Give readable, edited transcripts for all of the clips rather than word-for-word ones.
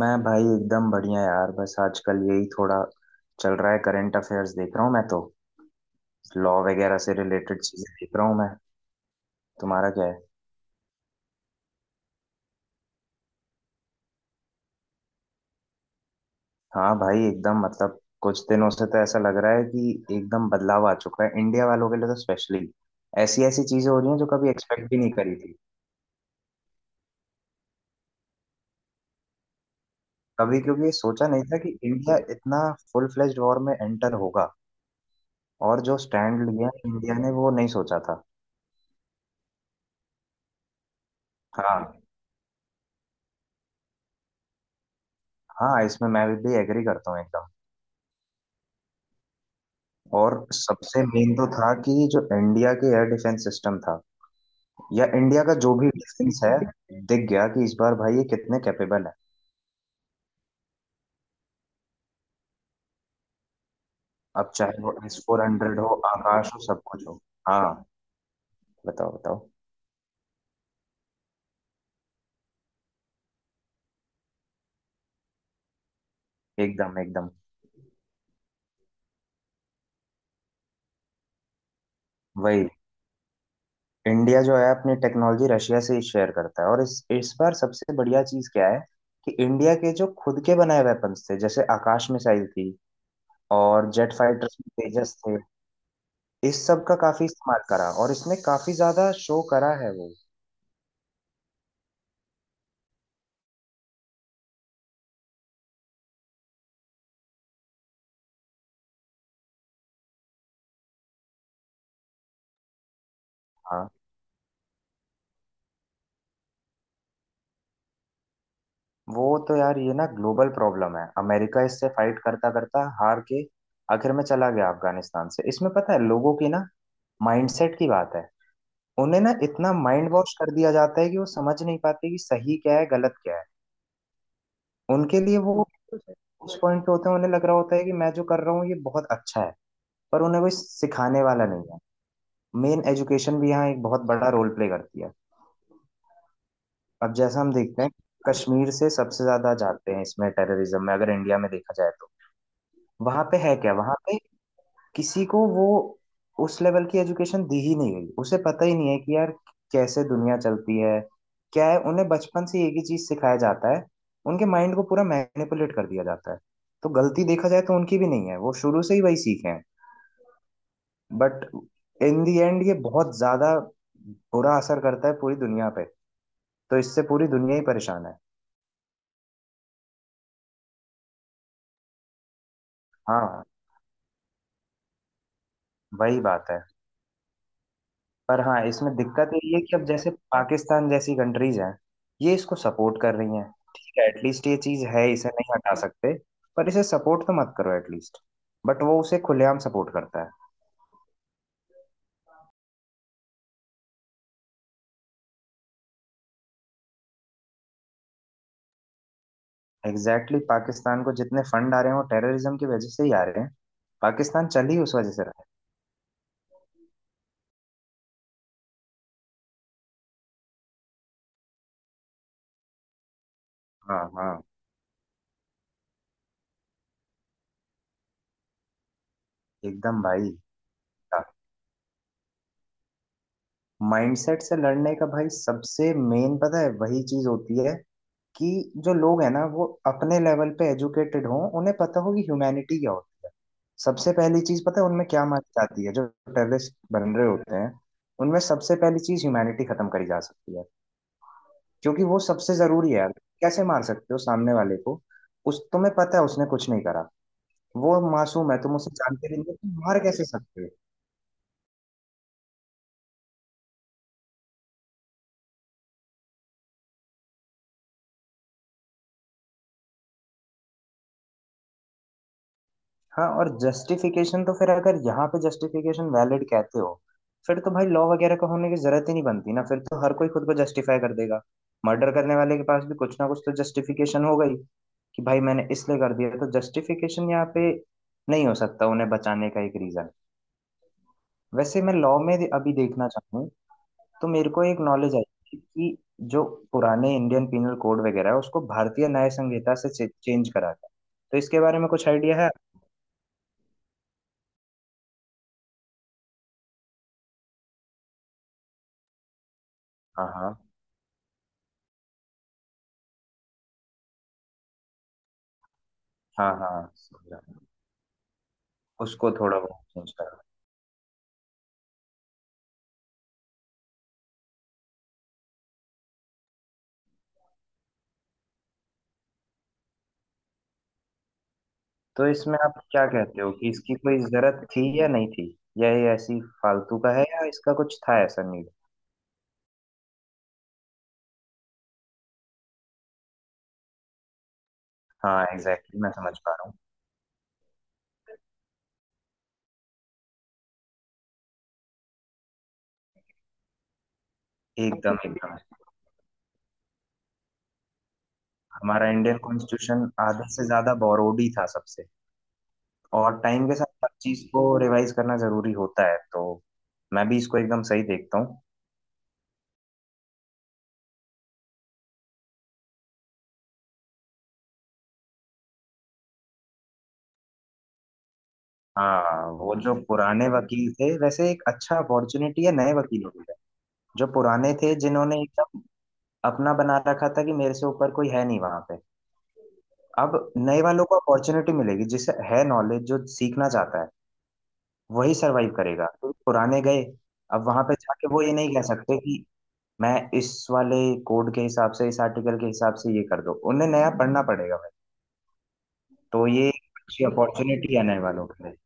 मैं भाई एकदम बढ़िया यार। बस आजकल यही थोड़ा चल रहा है, करंट अफेयर्स देख रहा हूँ मैं तो। लॉ वगैरह से रिलेटेड चीजें देख रहा हूँ मैं। तुम्हारा क्या है? हाँ भाई एकदम। मतलब कुछ दिनों से तो ऐसा लग रहा है कि एकदम बदलाव आ चुका है। इंडिया वालों के लिए तो स्पेशली ऐसी ऐसी चीजें हो रही हैं जो कभी एक्सपेक्ट भी नहीं करी थी। कभी क्योंकि ये सोचा नहीं था कि इंडिया इतना फुल फ्लेज्ड वॉर में एंटर होगा। और जो स्टैंड लिया इंडिया ने वो नहीं सोचा था। हाँ। हाँ, इसमें मैं भी एग्री करता हूँ एकदम। और सबसे मेन तो था कि जो इंडिया के एयर डिफेंस सिस्टम था या इंडिया का जो भी डिफेंस है, दिख गया कि इस बार भाई ये कितने कैपेबल है। अब चाहे वो S-400 हो, आकाश हो, सब कुछ हो। हाँ, बताओ बताओ। एकदम एकदम। वही, इंडिया जो है अपनी टेक्नोलॉजी रशिया से ही शेयर करता है। और इस बार सबसे बढ़िया चीज क्या है कि इंडिया के जो खुद के बनाए वेपन्स थे, जैसे आकाश मिसाइल थी और जेट फाइटर्स में तेजस थे, इस सब का काफी इस्तेमाल करा और इसने काफी ज्यादा शो करा है वो। हाँ। वो तो यार ये ना ग्लोबल प्रॉब्लम है। अमेरिका इससे फाइट करता करता हार के आखिर में चला गया अफगानिस्तान से। इसमें पता है लोगों की ना माइंडसेट की बात है। उन्हें ना इतना माइंड वॉश कर दिया जाता है कि वो समझ नहीं पाते कि सही क्या है गलत क्या है। उनके लिए वो उस पॉइंट पे होते हैं, उन्हें लग रहा होता है कि मैं जो कर रहा हूँ ये बहुत अच्छा है। पर उन्हें वो सिखाने वाला नहीं है। मेन एजुकेशन भी यहाँ एक बहुत बड़ा रोल प्ले करती है। अब जैसा हम देखते हैं, कश्मीर से सबसे ज्यादा जाते हैं इसमें टेररिज्म में, अगर इंडिया में देखा जाए तो। वहां पे है क्या, वहां पे किसी को वो उस लेवल की एजुकेशन दी ही नहीं गई। उसे पता ही नहीं है कि यार कैसे दुनिया चलती है, क्या है। उन्हें बचपन से एक ही चीज सिखाया जाता है, उनके माइंड को पूरा मैनिपुलेट कर दिया जाता है। तो गलती देखा जाए तो उनकी भी नहीं है, वो शुरू से ही वही सीखे हैं। बट इन दी एंड ये बहुत ज्यादा बुरा असर करता है पूरी दुनिया पे। तो इससे पूरी दुनिया ही परेशान है। हाँ, वही बात है। पर हाँ, इसमें दिक्कत यही है कि अब जैसे पाकिस्तान जैसी कंट्रीज हैं, ये इसको सपोर्ट कर रही हैं। ठीक है, एटलीस्ट ये चीज है, इसे नहीं हटा सकते, पर इसे सपोर्ट तो मत करो एटलीस्ट। बट वो उसे खुलेआम सपोर्ट करता है। एग्जैक्टली, पाकिस्तान को जितने फंड आ रहे हैं वो टेररिज्म की वजह से ही आ रहे हैं। पाकिस्तान चल ही उस वजह से रहा है। हाँ हाँ, एकदम भाई। माइंडसेट से लड़ने का भाई सबसे मेन पता है वही चीज होती है कि जो लोग हैं ना, वो अपने लेवल पे एजुकेटेड हों, उन्हें पता हो कि ह्यूमैनिटी क्या होती है। सबसे पहली चीज पता है उनमें क्या मानी जाती है जो टेररिस्ट बन रहे होते हैं, उनमें सबसे पहली चीज ह्यूमैनिटी खत्म करी जा सकती है। क्योंकि वो सबसे जरूरी है यार। कैसे मार सकते हो सामने वाले को, उस तुम्हें पता है उसने कुछ नहीं करा। वो मासूम है, तुम उसे जानते भी नहीं हो, तुम मार कैसे सकते हो? हाँ, और जस्टिफिकेशन तो फिर अगर यहाँ पे जस्टिफिकेशन वैलिड कहते हो, फिर तो भाई लॉ वगैरह का होने की जरूरत ही नहीं बनती ना, फिर तो हर कोई खुद को जस्टिफाई कर देगा। मर्डर करने वाले के पास भी कुछ ना कुछ तो जस्टिफिकेशन हो गई कि भाई मैंने इसलिए कर दिया। तो जस्टिफिकेशन यहाँ पे नहीं हो सकता उन्हें बचाने का एक रीजन। वैसे मैं लॉ में अभी देखना चाहूँ तो मेरे को एक नॉलेज आई थी कि जो पुराने इंडियन पिनल कोड वगैरह है, उसको भारतीय न्याय संहिता से चेंज करा था। तो इसके बारे में कुछ आइडिया है? हाँ हाँ हाँ हाँ, उसको थोड़ा बहुत सोचता है। तो इसमें आप क्या कहते हो कि इसकी कोई जरूरत थी या नहीं थी, या ये ऐसी फालतू का है या इसका कुछ था ऐसा नीड? हाँ एग्जैक्टली, मैं समझ पा रहा हूँ। एकदम एकदम, हमारा इंडियन कॉन्स्टिट्यूशन आधे से ज्यादा बोरोड ही था सबसे। और टाइम के साथ हर चीज को रिवाइज करना जरूरी होता है, तो मैं भी इसको एकदम सही देखता हूँ। हाँ, वो जो पुराने वकील थे, वैसे एक अच्छा अपॉर्चुनिटी है नए वकीलों के लिए। जो पुराने थे जिन्होंने एकदम अपना बना रखा था कि मेरे से ऊपर कोई है नहीं वहां पे, अब नए वालों को अपॉर्चुनिटी मिलेगी जिसे है नॉलेज, जो सीखना चाहता है वही सरवाइव करेगा, तो पुराने गए। अब वहां पे जाके वो ये नहीं कह सकते कि मैं इस वाले कोड के हिसाब से, इस आर्टिकल के हिसाब से ये कर दो। उन्हें नया पढ़ना पड़ेगा भाई। तो ये एक अच्छी अपॉर्चुनिटी है नए वालों के लिए।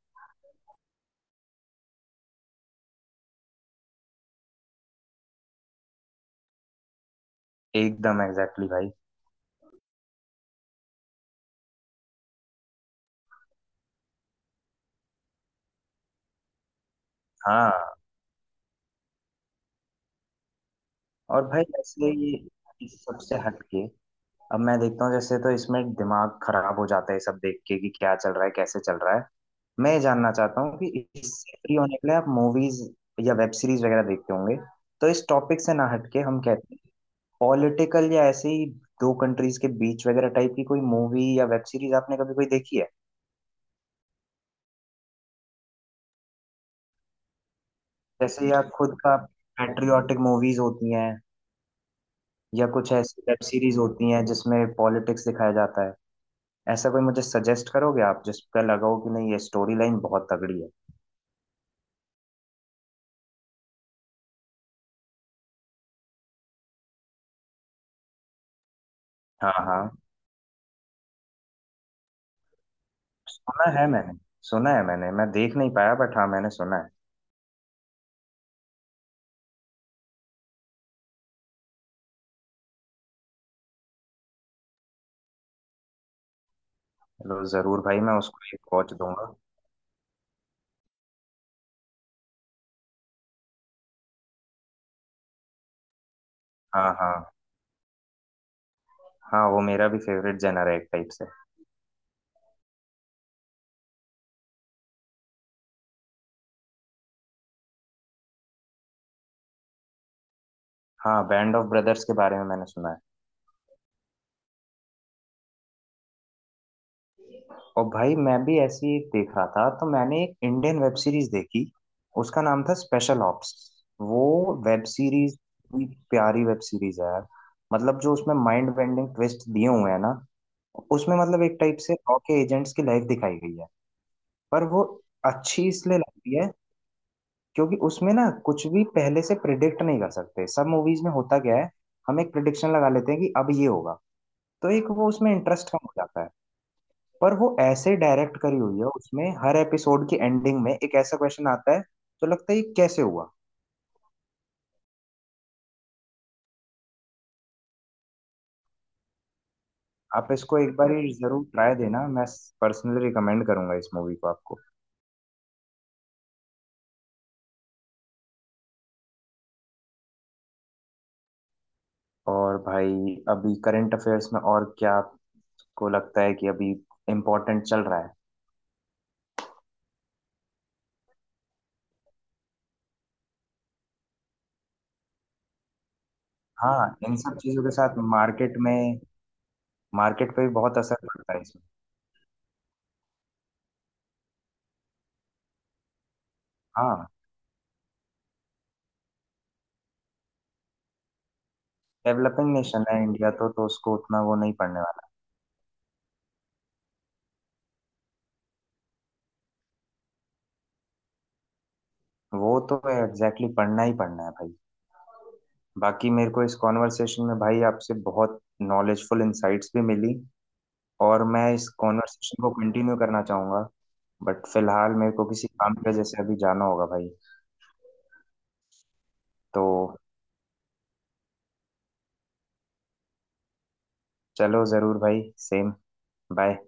एकदम एग्जैक्टली भाई। हाँ, और भाई ऐसे ये इस सबसे हटके, अब मैं देखता हूँ जैसे तो इसमें दिमाग खराब हो जाता है ये सब देख के कि क्या चल रहा है कैसे चल रहा है। मैं जानना चाहता हूँ कि इससे फ्री होने के लिए आप मूवीज या वेब सीरीज वगैरह देखते होंगे, तो इस टॉपिक से ना हटके हम कहते हैं पॉलिटिकल या ऐसे ही दो कंट्रीज के बीच वगैरह टाइप की कोई मूवी या वेब सीरीज आपने कभी कोई देखी है? जैसे या खुद का पैट्रियोटिक मूवीज होती हैं, या कुछ ऐसी वेब सीरीज होती हैं जिसमें पॉलिटिक्स दिखाया जाता है। ऐसा कोई मुझे सजेस्ट करोगे आप जिसका लगा हो कि नहीं ये स्टोरी लाइन बहुत तगड़ी है? हाँ हाँ, सुना है मैंने। सुना है मैंने, मैं देख नहीं पाया बट हाँ मैंने सुना है। चलो जरूर भाई, मैं उसको एक वॉच दूंगा। हाँ हाँ। हाँ, वो मेरा भी फेवरेट जेनर है एक टाइप से। हाँ, बैंड ऑफ ब्रदर्स के बारे में मैंने सुना है। और भाई मैं भी ऐसी एक देख रहा था, तो मैंने एक इंडियन वेब सीरीज देखी। उसका नाम था स्पेशल ऑप्स। वो वेब सीरीज भी प्यारी वेब सीरीज है यार। मतलब जो उसमें माइंड बेंडिंग ट्विस्ट दिए हुए हैं ना, उसमें मतलब एक टाइप से रॉ के एजेंट्स की लाइफ दिखाई गई है। पर वो अच्छी इसलिए लगती है क्योंकि उसमें ना कुछ भी पहले से प्रिडिक्ट नहीं कर सकते। सब मूवीज में होता क्या है, हम एक प्रिडिक्शन लगा लेते हैं कि अब ये होगा, तो एक वो उसमें इंटरेस्ट कम हो जाता है। पर वो ऐसे डायरेक्ट करी हुई है, उसमें हर एपिसोड की एंडिंग में एक ऐसा क्वेश्चन आता है तो लगता है ये कैसे हुआ। आप इसको एक बार ये जरूर ट्राई देना, मैं पर्सनली रिकमेंड करूंगा इस मूवी को आपको। और भाई अभी करंट अफेयर्स में और क्या आपको लगता है कि अभी इम्पोर्टेंट चल रहा है? हाँ, इन सब चीजों के साथ मार्केट में, मार्केट पे भी बहुत असर पड़ता है। हाँ, डेवलपिंग नेशन है इंडिया, तो उसको उतना वो नहीं पढ़ने वाला। वो तो एग्जैक्टली, पढ़ना ही पढ़ना है भाई। बाकी मेरे को इस कॉन्वर्सेशन में भाई आपसे बहुत नॉलेजफुल इंसाइट्स भी मिली, और मैं इस कॉन्वर्सेशन को कंटिन्यू करना चाहूंगा, बट फिलहाल मेरे को किसी काम की वजह से अभी जाना होगा भाई। तो चलो ज़रूर भाई। सेम। बाय।